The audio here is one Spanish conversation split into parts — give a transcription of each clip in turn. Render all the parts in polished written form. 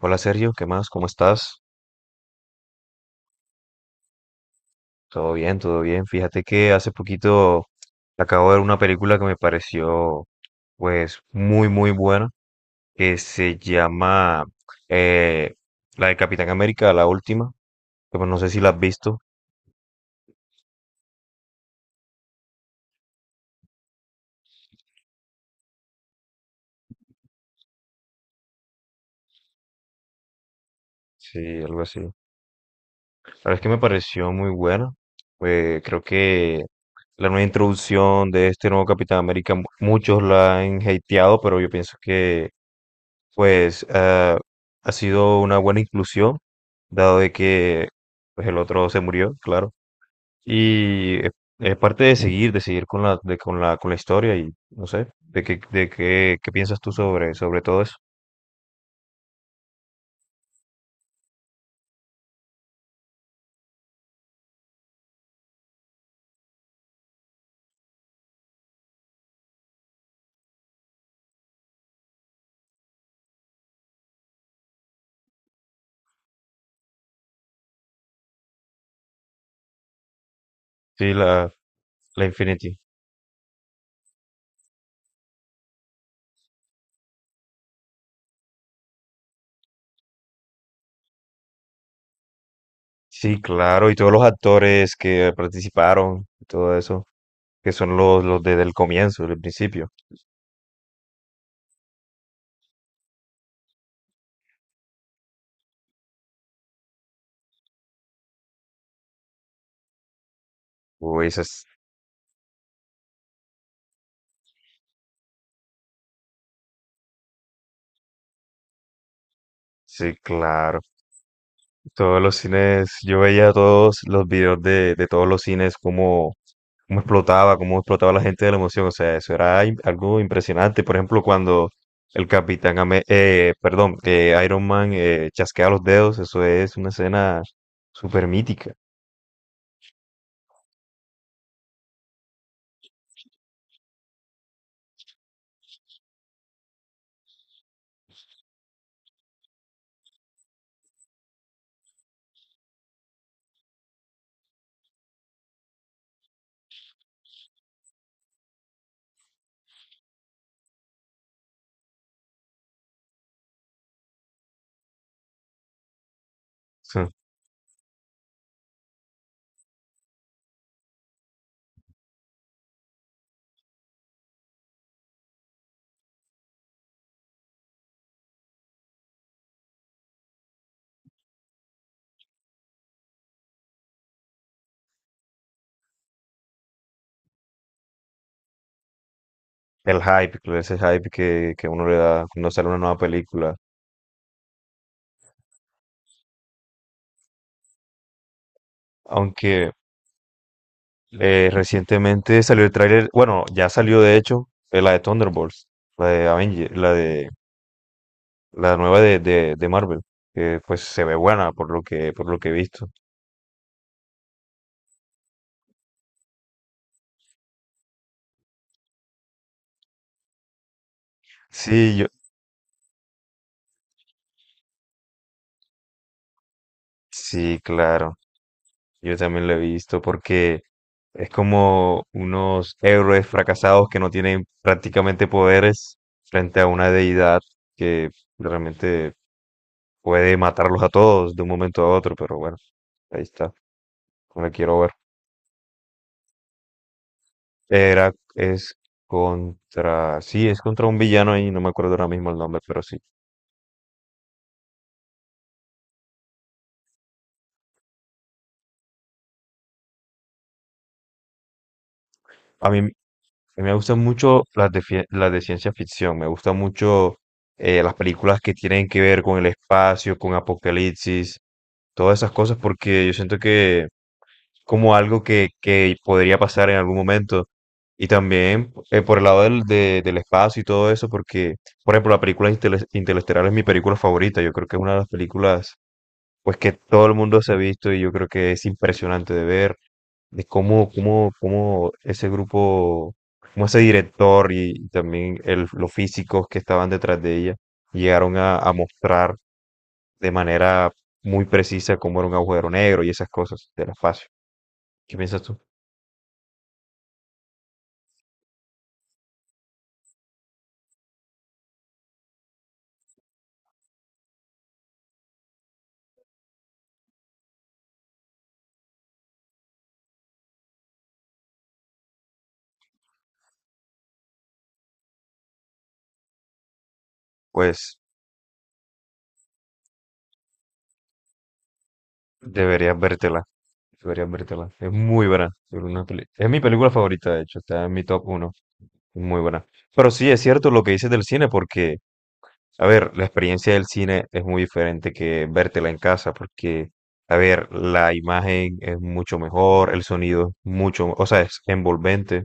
Hola Sergio, ¿qué más? ¿Cómo estás? Todo bien, todo bien. Fíjate que hace poquito acabo de ver una película que me pareció pues muy muy buena, que se llama eh, la de Capitán América, la última, que pues no sé si la has visto, sí, algo así. La verdad es que me pareció muy buena. Creo que la nueva introducción de este nuevo Capitán América, muchos la han hateado, pero yo pienso que pues ha sido una buena inclusión, dado de que pues, el otro se murió, claro. Y es es parte de seguir con la, de- con la historia y no sé, qué piensas tú sobre todo eso. Sí, la Infinity. Sí, claro, y todos los actores que participaron y todo eso, que son los desde el comienzo, del principio. Uy, esas- sí, claro. Todos los cines, yo veía todos los videos de todos los cines, cómo explotaba la gente de la emoción. O sea, eso era algo impresionante. Por ejemplo, cuando el Iron Man chasquea los dedos, eso es una escena súper mítica. Sí. El hype, claro, ese hype que uno le da cuando sale una nueva película. Aunque recientemente salió el tráiler, bueno, ya salió de hecho, la de Thunderbolts, la de Avenger, la de la nueva de Marvel, que pues se ve buena por lo que he visto. Sí, yo, sí, claro, yo también lo he visto porque es como unos héroes fracasados que no tienen prácticamente poderes frente a una deidad que realmente puede matarlos a todos de un momento a otro, pero bueno, ahí está, no la quiero ver. Es sí, es contra un villano ahí, no me acuerdo ahora mismo el nombre, pero sí. A mí me gustan mucho las las de ciencia ficción, me gustan mucho las películas que tienen que ver con el espacio, con apocalipsis, todas esas cosas, porque yo siento que como algo que podría pasar en algún momento. Y también por el lado del espacio y todo eso, porque, por ejemplo, la película Interestelar es mi película favorita, yo creo que es una de las películas pues que todo el mundo se ha visto y yo creo que es impresionante de ver de cómo ese grupo, cómo ese director y también los físicos que estaban detrás de ella llegaron a mostrar de manera muy precisa cómo era un agujero negro y esas cosas del espacio. ¿Qué piensas tú? Pues Deberías vértela. Deberías vértela. Es muy buena. Es mi película favorita, de hecho. Está en mi top uno. Muy buena. Pero sí, es cierto lo que dices del cine, porque, a ver, la experiencia del cine es muy diferente que vértela en casa, porque, a ver, la imagen es mucho mejor, el sonido es mucho, o sea, es envolvente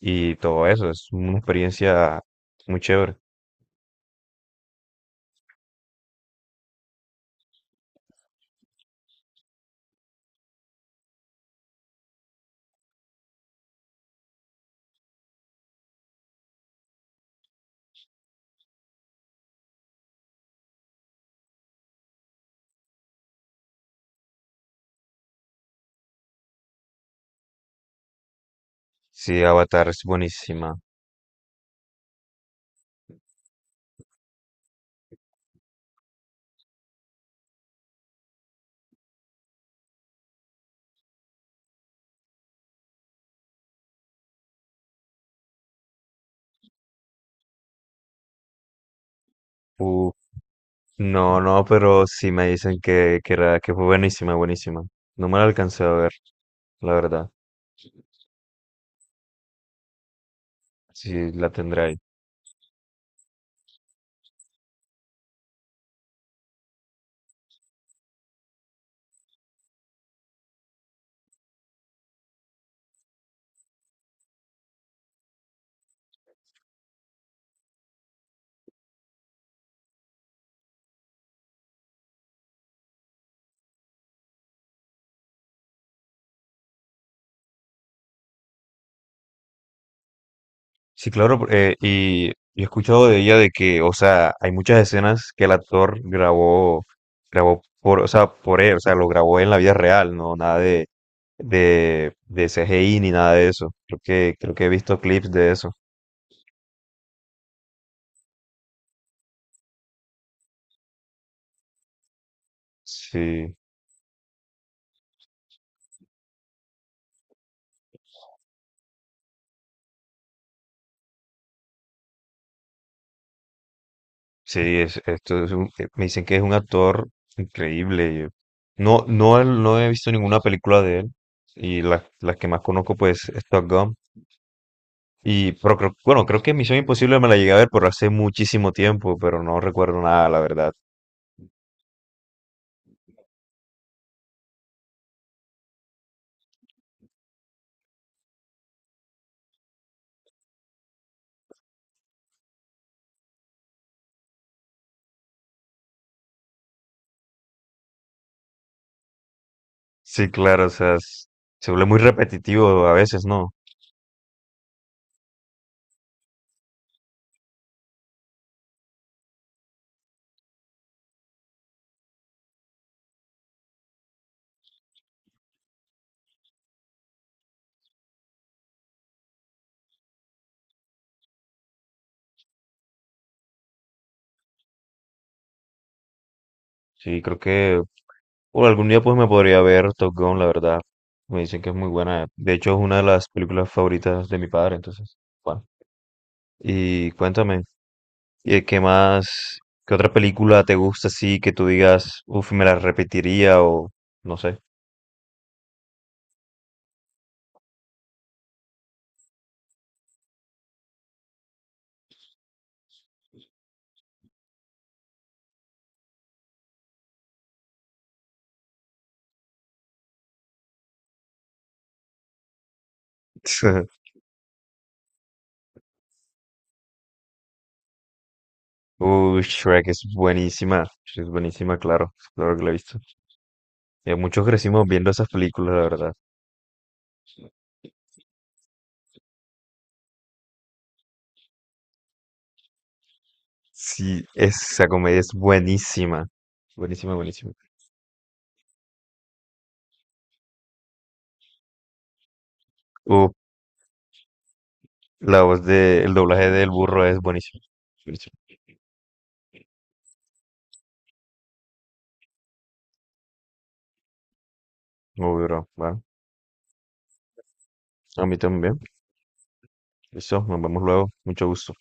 y todo eso. Es una experiencia muy chévere. Sí, Avatar es buenísima. Uh, no, no, pero sí me dicen que que fue buenísima, buenísima. No me la alcancé a ver, la verdad. Sí, la tendré ahí. Sí, claro, y yo he escuchado de ella de que, o sea, hay muchas escenas que el actor grabó, grabó por, o sea, por él, o sea, lo grabó en la vida real, no nada de CGI ni nada de eso. Creo que he visto clips de eso. Sí, sí, esto es me dicen que es un actor increíble. No, no, no he visto ninguna película de él y las que más conozco, pues, es Top Gun. Y, pero creo, bueno, creo que Misión Imposible me la llegué a ver por hace muchísimo tiempo, pero no recuerdo nada, la verdad. Sí, claro, se vuelve muy repetitivo a veces, ¿no? Sí, creo que bueno, algún día pues me podría ver Top Gun, la verdad. Me dicen que es muy buena. De hecho, es una de las películas favoritas de mi padre, entonces, bueno. Y cuéntame, ¿y de qué más? ¿Qué otra película te gusta así que tú digas, uff, me la repetiría o no sé? Shrek es buenísima, claro, claro que la he visto. Muchos crecimos viendo esas películas, la verdad. Sí, esa comedia es buenísima, buenísima, buenísima. Uh, la voz de, el doblaje del burro es buenísimo, buenísimo. Uy, bro, va, a mí también. Listo, nos vemos luego, mucho gusto.